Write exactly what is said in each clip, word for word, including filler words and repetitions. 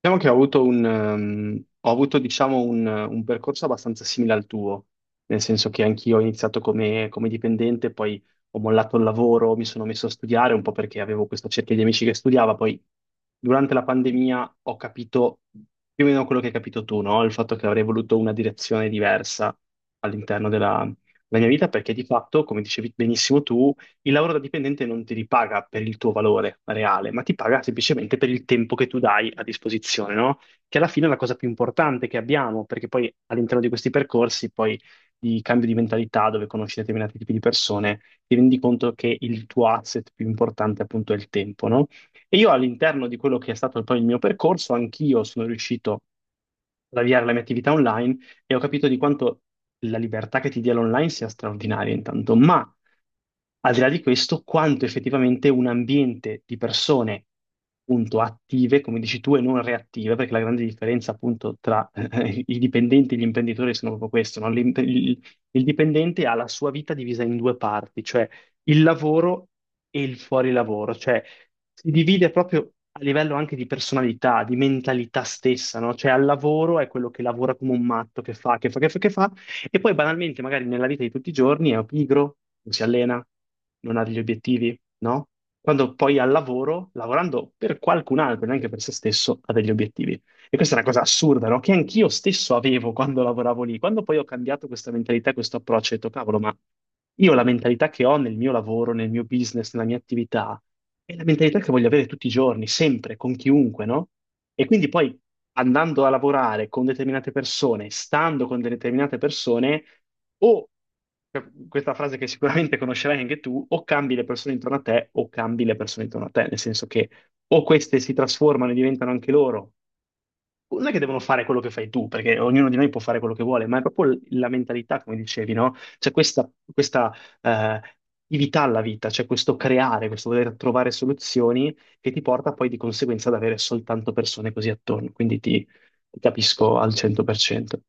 Diciamo che ho avuto un, ehm, ho avuto, diciamo, un, un percorso abbastanza simile al tuo, nel senso che anch'io ho iniziato come, come dipendente, poi ho mollato il lavoro, mi sono messo a studiare un po' perché avevo questa cerchia di amici che studiava, poi durante la pandemia ho capito più o meno quello che hai capito tu, no? Il fatto che avrei voluto una direzione diversa all'interno della, della mia vita, perché di fatto, come dicevi benissimo tu, il lavoro da dipendente non ti ripaga per il tuo valore reale, ma ti paga semplicemente per il tempo che tu dai a disposizione, no? Che alla fine è la cosa più importante che abbiamo, perché poi all'interno di questi percorsi, poi di cambio di mentalità, dove conosci determinati tipi di persone, ti rendi conto che il tuo asset più importante appunto è il tempo, no? E io all'interno di quello che è stato poi il mio percorso, anch'io sono riuscito ad avviare la mia attività online e ho capito di quanto la libertà che ti dia l'online sia straordinaria intanto, ma al di là di questo, quanto effettivamente un ambiente di persone, appunto, attive, come dici tu, e non reattive, perché la grande differenza, appunto, tra eh, i dipendenti e gli imprenditori sono proprio questo, no? L'im- Il, il dipendente ha la sua vita divisa in due parti, cioè il lavoro e il fuori lavoro, cioè si divide proprio a livello anche di personalità, di mentalità stessa, no? Cioè al lavoro è quello che lavora come un matto, che fa, che fa, che fa, che fa, e poi banalmente, magari nella vita di tutti i giorni è pigro, non si allena, non ha degli obiettivi, no? Quando poi al lavoro, lavorando per qualcun altro, neanche per se stesso, ha degli obiettivi. E questa è una cosa assurda, no? Che anch'io stesso avevo quando lavoravo lì. Quando poi ho cambiato questa mentalità, questo approccio, ho detto, cavolo, ma io la mentalità che ho nel mio lavoro, nel mio business, nella mia attività, è la mentalità che voglio avere tutti i giorni, sempre, con chiunque, no? E quindi poi andando a lavorare con determinate persone, stando con determinate persone, o cioè, questa frase che sicuramente conoscerai anche tu, o cambi le persone intorno a te o cambi le persone intorno a te, nel senso che o queste si trasformano e diventano anche loro, non è che devono fare quello che fai tu, perché ognuno di noi può fare quello che vuole, ma è proprio l- la mentalità, come dicevi, no? C'è questa, questa eh, attività alla vita, c'è questo creare, questo voler trovare soluzioni che ti porta poi di conseguenza ad avere soltanto persone così attorno. Quindi ti, ti capisco al cento per cento.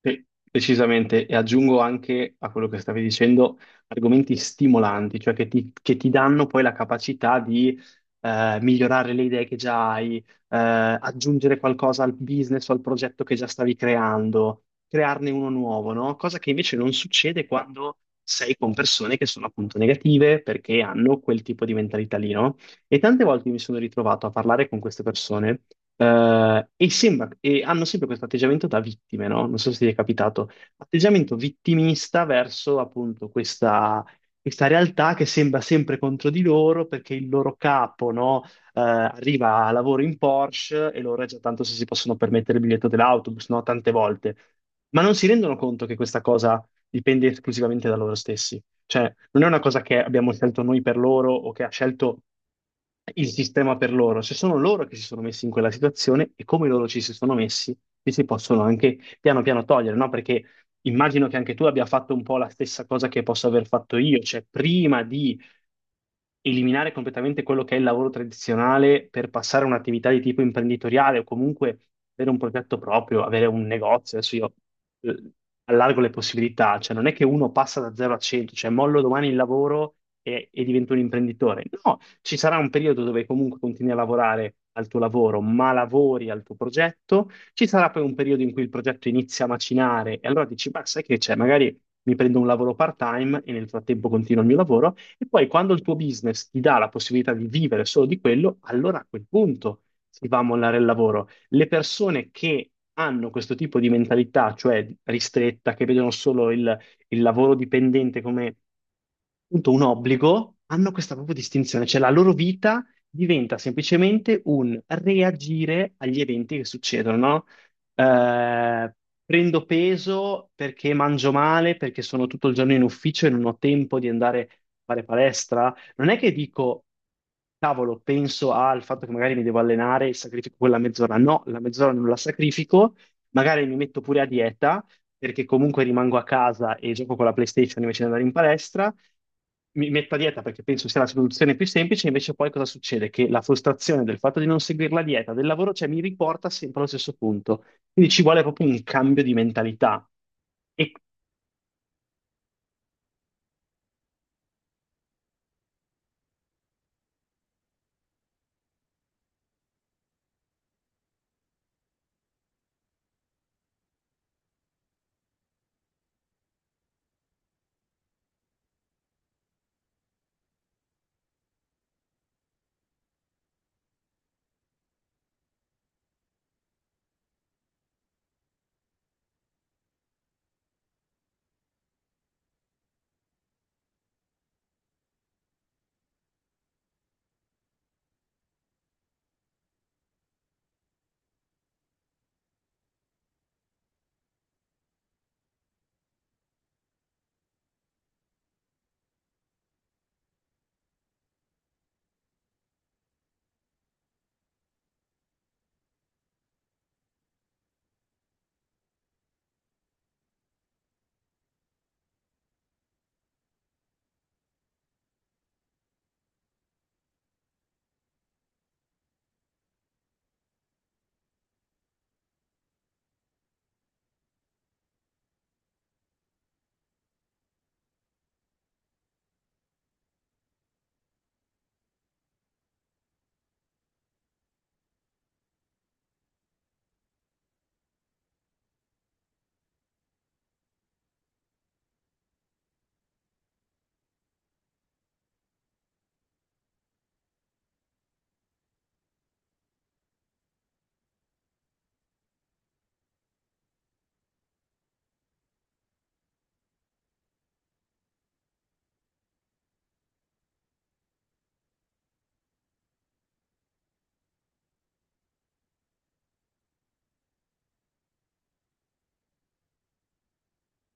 Sì, decisamente, e aggiungo anche a quello che stavi dicendo argomenti stimolanti, cioè che ti, che ti danno poi la capacità di eh, migliorare le idee che già hai, eh, aggiungere qualcosa al business o al progetto che già stavi creando, crearne uno nuovo, no? Cosa che invece non succede quando sei con persone che sono appunto negative perché hanno quel tipo di mentalità lì, no? E tante volte mi sono ritrovato a parlare con queste persone eh, e, sembra- e hanno sempre questo atteggiamento da vittime, no? Non so se ti è capitato, atteggiamento vittimista verso appunto questa, questa realtà che sembra sempre contro di loro perché il loro capo, no? eh, arriva a lavoro in Porsche e loro è già tanto se si possono permettere il biglietto dell'autobus, no? Tante volte. Ma non si rendono conto che questa cosa dipende esclusivamente da loro stessi. Cioè, non è una cosa che abbiamo scelto noi per loro o che ha scelto il sistema per loro, se sono loro che si sono messi in quella situazione e come loro ci si sono messi, ci si possono anche piano piano togliere, no? Perché immagino che anche tu abbia fatto un po' la stessa cosa che posso aver fatto io, cioè prima di eliminare completamente quello che è il lavoro tradizionale per passare a un'attività di tipo imprenditoriale o comunque avere un progetto proprio, avere un negozio. Adesso io eh, allargo le possibilità, cioè non è che uno passa da zero a cento, cioè mollo domani il lavoro e, e divento un imprenditore. No, ci sarà un periodo dove comunque continui a lavorare al tuo lavoro, ma lavori al tuo progetto. Ci sarà poi un periodo in cui il progetto inizia a macinare e allora dici, beh, sai che c'è, magari mi prendo un lavoro part-time e nel frattempo continuo il mio lavoro. E poi quando il tuo business ti dà la possibilità di vivere solo di quello, allora a quel punto si va a mollare il lavoro. Le persone che hanno questo tipo di mentalità, cioè ristretta, che vedono solo il, il lavoro dipendente come appunto un obbligo, hanno questa proprio distinzione, cioè la loro vita diventa semplicemente un reagire agli eventi che succedono, no? Eh, prendo peso perché mangio male, perché sono tutto il giorno in ufficio e non ho tempo di andare a fare palestra. Non è che dico, cavolo, penso al fatto che magari mi devo allenare e sacrifico quella mezz'ora. No, la mezz'ora non la sacrifico, magari mi metto pure a dieta, perché comunque rimango a casa e gioco con la PlayStation invece di andare in palestra. Mi metto a dieta perché penso sia la soluzione più semplice, invece poi cosa succede? Che la frustrazione del fatto di non seguire la dieta, del lavoro, cioè mi riporta sempre allo stesso punto. Quindi ci vuole proprio un cambio di mentalità. E